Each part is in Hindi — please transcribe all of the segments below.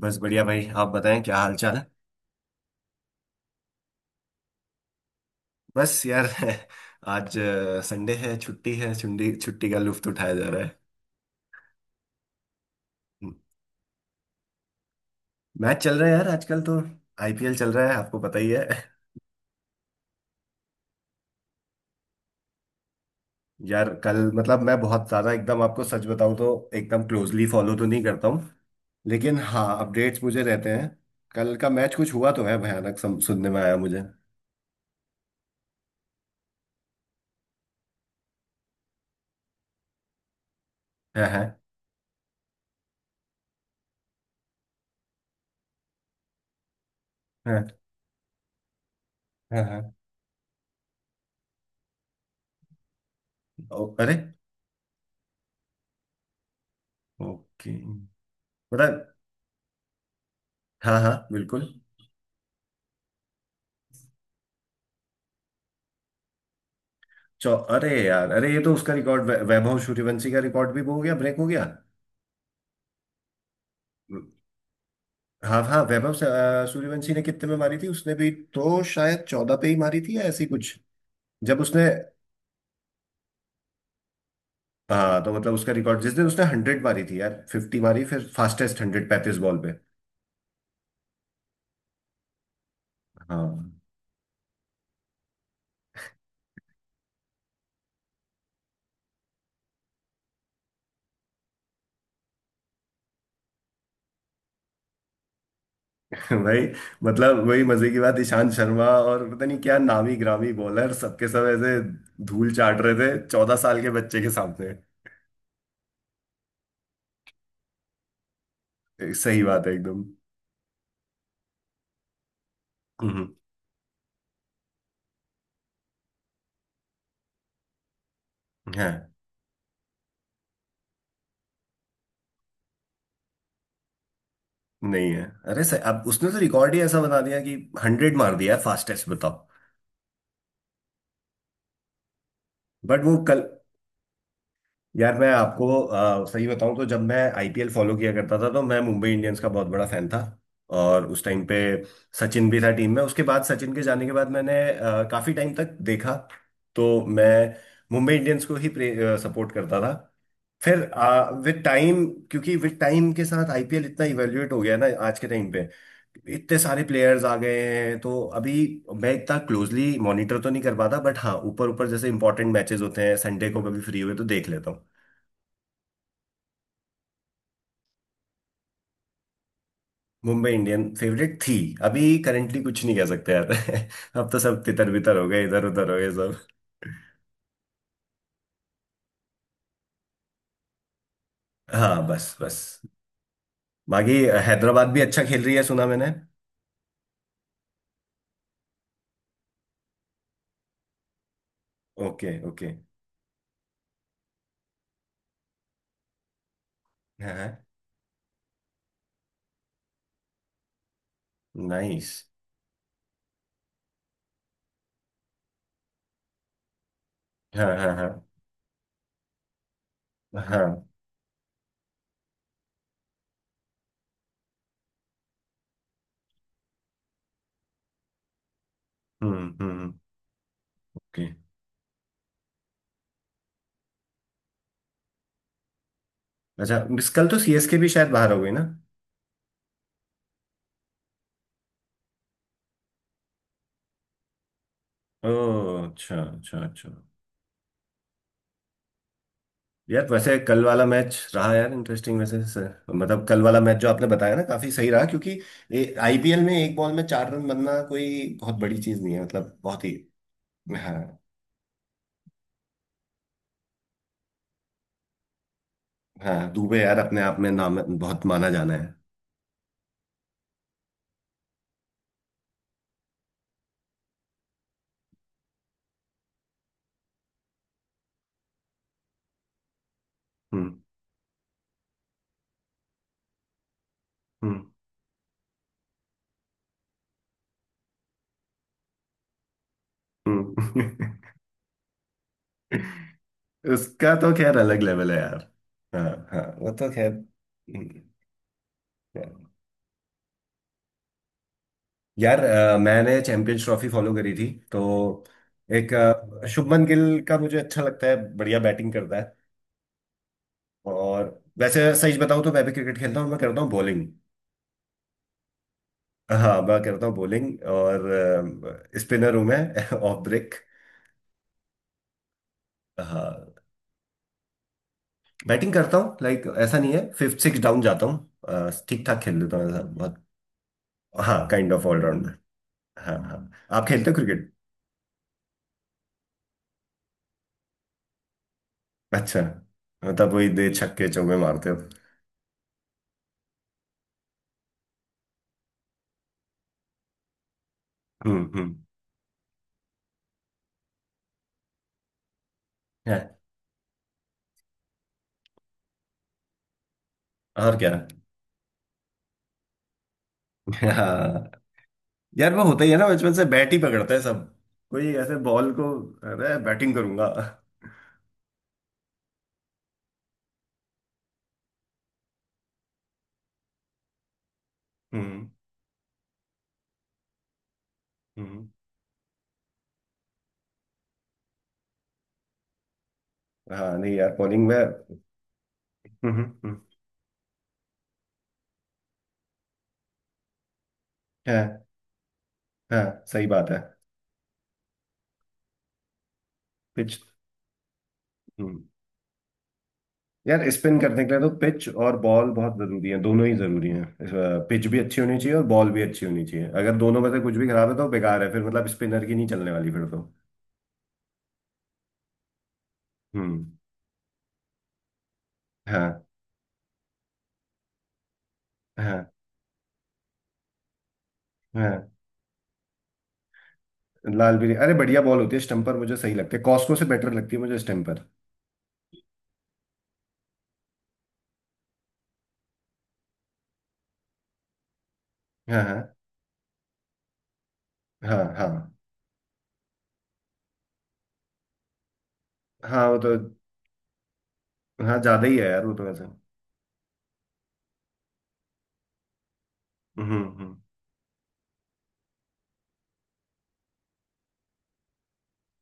बस बढ़िया भाई आप बताएं क्या हाल चाल है। बस यार आज संडे है छुट्टी छुट्टी का लुफ्त उठाया जा रहा है। हम्म। मैच चल रहा है यार आजकल तो। आईपीएल चल रहा है आपको पता ही है यार कल मतलब मैं बहुत ज्यादा एकदम आपको सच बताऊं तो एकदम क्लोजली फॉलो तो नहीं करता हूँ। लेकिन हाँ अपडेट्स मुझे रहते हैं। कल का मैच कुछ हुआ तो है भयानक सुनने में आया मुझे। है, है, है, है, है। ओ, अरे। ओके। बता। हाँ हाँ बिल्कुल। चौ अरे यार अरे ये तो उसका रिकॉर्ड वैभव सूर्यवंशी का रिकॉर्ड भी वो हो गया ब्रेक हो गया। हाँ हाँ वैभव सूर्यवंशी ने कितने में मारी थी उसने भी तो शायद 14 पे ही मारी थी या ऐसी कुछ। जब उसने। हाँ तो मतलब उसका रिकॉर्ड जिस दिन उसने 100 मारी थी यार 50 मारी फिर फास्टेस्ट 100, 35 बॉल पे। हाँ भाई। मतलब वही मजे की बात ईशांत शर्मा और पता नहीं क्या नामी ग्रामी बॉलर सबके सब ऐसे धूल चाट रहे थे 14 साल के बच्चे के सामने। सही बात है एकदम। हम्म। हाँ नहीं है। अरे सर अब उसने तो रिकॉर्ड ही ऐसा बना दिया कि हंड्रेड मार दिया है फास्टेस्ट बताओ। बट वो कल। यार मैं आपको सही बताऊं तो जब मैं आईपीएल फॉलो किया करता था तो मैं मुंबई इंडियंस का बहुत बड़ा फैन था। और उस टाइम पे सचिन भी था टीम में उसके बाद सचिन के जाने के बाद मैंने काफी टाइम तक देखा। तो मैं मुंबई इंडियंस को ही सपोर्ट करता था। फिर विद टाइम क्योंकि विद टाइम के साथ आईपीएल इतना इवेल्युएट हो गया ना आज के टाइम पे इतने सारे प्लेयर्स आ गए हैं। तो अभी मैं इतना क्लोजली मॉनिटर तो नहीं कर पाता बट हाँ ऊपर ऊपर जैसे इंपॉर्टेंट मैचेस होते हैं संडे को कभी फ्री हुए तो देख लेता हूँ। मुंबई इंडियन फेवरेट थी। अभी करंटली कुछ नहीं कह सकते यार अब तो सब तितर बितर हो गए इधर उधर हो गए सब। हाँ बस बस। बाकी हैदराबाद भी अच्छा खेल रही है सुना मैंने। Okay okay. हाँ। नाइस। हाँ हाँ हाँ हाँ। हम्म हम्म हम्म। ओके। अच्छा मिस कल तो सीएसके भी शायद बाहर हो गई ना। ओ। अच्छा अच्छा अच्छा। यार वैसे कल वाला मैच रहा यार इंटरेस्टिंग वैसे सर मतलब कल वाला मैच जो आपने बताया ना काफी सही रहा क्योंकि आईपीएल में 1 बॉल में 4 रन बनना कोई बहुत बड़ी चीज नहीं है मतलब बहुत ही। हाँ। हाँ दुबे यार अपने आप में नाम बहुत माना जाना है। हम्म हम्म हम्म। उसका तो खैर अलग लेवल है यार। हाँ हाँ वो तो खैर हम्म। यार मैंने चैंपियंस ट्रॉफी फॉलो करी थी तो एक शुभमन गिल का मुझे अच्छा लगता है बढ़िया बैटिंग करता है। और वैसे सच बताऊं तो मैं भी क्रिकेट खेलता हूँ मैं करता हूँ बॉलिंग। हाँ मैं करता हूँ बॉलिंग। और स्पिनर हूँ मैं। Of break. हाँ। बैटिंग करता हूँ लाइक ऐसा नहीं है फिफ्थ सिक्स डाउन जाता हूँ ठीक ठाक खेल लेता हूँ ऐसा बहुत। हाँ काइंड ऑफ ऑलराउंडर। हाँ हाँ। आप खेलते हो क्रिकेट। अच्छा। मतलब वही दे छक्के चौके मारते हो। हम्म। है। और क्या। हाँ। यार वो होता ही है ना बचपन से बैट ही पकड़ते हैं सब। कोई ऐसे बॉल को। अरे बैटिंग करूंगा। हम्म हम्म। हाँ नहीं यार बॉलिंग में हम्म। हाँ। हाँ सही बात है। पिच। हम्म। यार स्पिन करने के लिए तो पिच और बॉल बहुत जरूरी है दोनों ही जरूरी हैं। पिच भी अच्छी होनी चाहिए और बॉल भी अच्छी होनी चाहिए अगर दोनों में से कुछ भी खराब है तो बेकार है फिर मतलब स्पिनर की नहीं चलने वाली फिर तो। हम्म। हाँ हाँ हाँ। लाल भी अरे बढ़िया बॉल होती है स्टम्पर मुझे सही लगती है कॉस्को से बेटर लगती है मुझे स्टम्पर। हाँ हाँ। हाँ हाँ। हाँ वो तो। हाँ ज्यादा ही है यार वो तो वैसे। हम्म हम्म।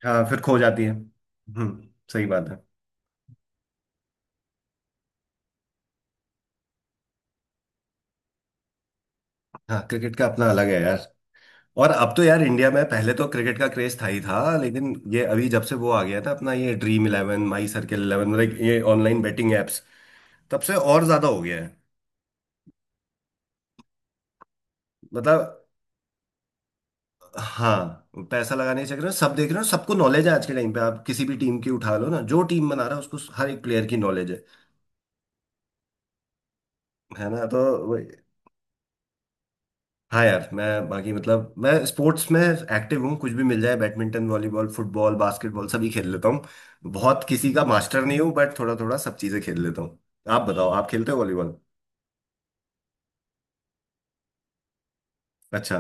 हाँ फिर खो जाती है। हम्म। सही बात है। हाँ क्रिकेट का अपना अलग है यार। और अब तो यार इंडिया में पहले तो क्रिकेट का क्रेज था ही था लेकिन ये अभी जब से वो आ गया था अपना ये dream eleven my circle eleven मतलब ये ऑनलाइन बेटिंग एप्स तब से और ज्यादा हो गया है। मतलब। हाँ पैसा लगाने के चक्कर में सब देख रहे हो सबको नॉलेज है आज के टाइम पे आप किसी भी टीम की उठा लो ना जो टीम बना रहा है उसको हर एक प्लेयर की नॉलेज है। है ना तो। हाँ यार मैं बाकी मतलब मैं स्पोर्ट्स में एक्टिव हूँ कुछ भी मिल जाए बैडमिंटन वॉलीबॉल फुटबॉल बास्केटबॉल सभी खेल लेता हूँ। बहुत किसी का मास्टर नहीं हूँ बट थोड़ा थोड़ा सब चीज़ें खेल लेता हूँ। आप बताओ आप खेलते हो वॉलीबॉल। अच्छा।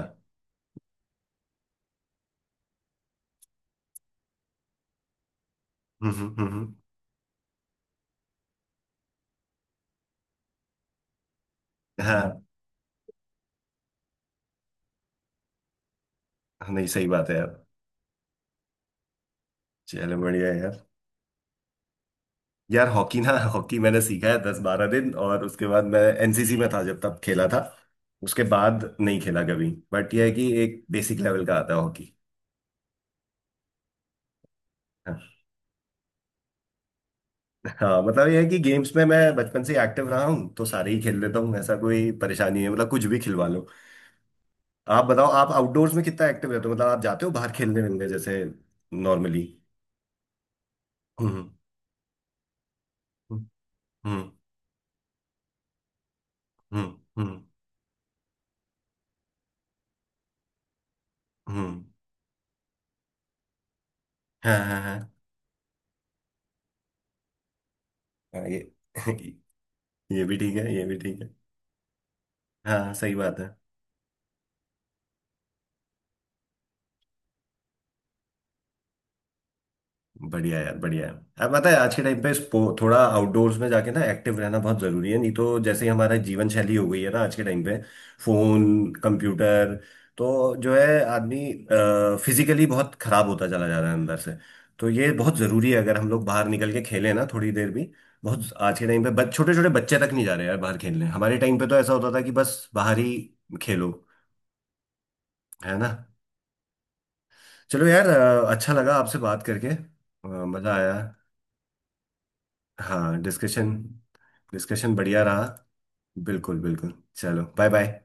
हम्म। हाँ। नहीं सही बात है यार। चलो बढ़िया है यार। यार हॉकी ना हॉकी मैंने सीखा है 10 12 दिन और उसके बाद मैं एनसीसी में था जब तब खेला था। उसके बाद नहीं खेला कभी बट यह है कि एक बेसिक लेवल का आता है हॉकी। हाँ। हाँ मतलब ये है कि गेम्स में मैं बचपन से एक्टिव रहा हूँ तो सारे ही खेल लेता हूँ ऐसा कोई परेशानी नहीं है मतलब कुछ भी खिलवा लो। आप बताओ आप आउटडोर्स में कितना एक्टिव रहते हो मतलब आप जाते हो बाहर खेलने मिलने जैसे नॉर्मली। हम्म हम्म हम्म हम्म हम्म हम्म। हाँ हाँ हाँ हाँ। ये। ये भी ठीक है ये भी ठीक है। हाँ सही बात है। बढ़िया यार बढ़िया है। अब पता है आज के टाइम पे थोड़ा आउटडोर्स में जाके ना एक्टिव रहना बहुत जरूरी है नहीं तो जैसे ही हमारा जीवन शैली हो गई है ना आज के टाइम पे फोन कंप्यूटर तो जो है आदमी फिजिकली बहुत खराब होता चला जा रहा है अंदर से। तो ये बहुत जरूरी है अगर हम लोग बाहर निकल के खेलें ना थोड़ी देर भी। बहुत आज के टाइम पे छोटे छोटे बच्चे तक नहीं जा रहे यार बाहर खेलने हमारे टाइम पे तो ऐसा होता था कि बस बाहर ही खेलो। है ना। चलो यार अच्छा लगा आपसे बात करके। मजा आया। हाँ डिस्कशन। डिस्कशन बढ़िया रहा। बिल्कुल बिल्कुल चलो बाय बाय।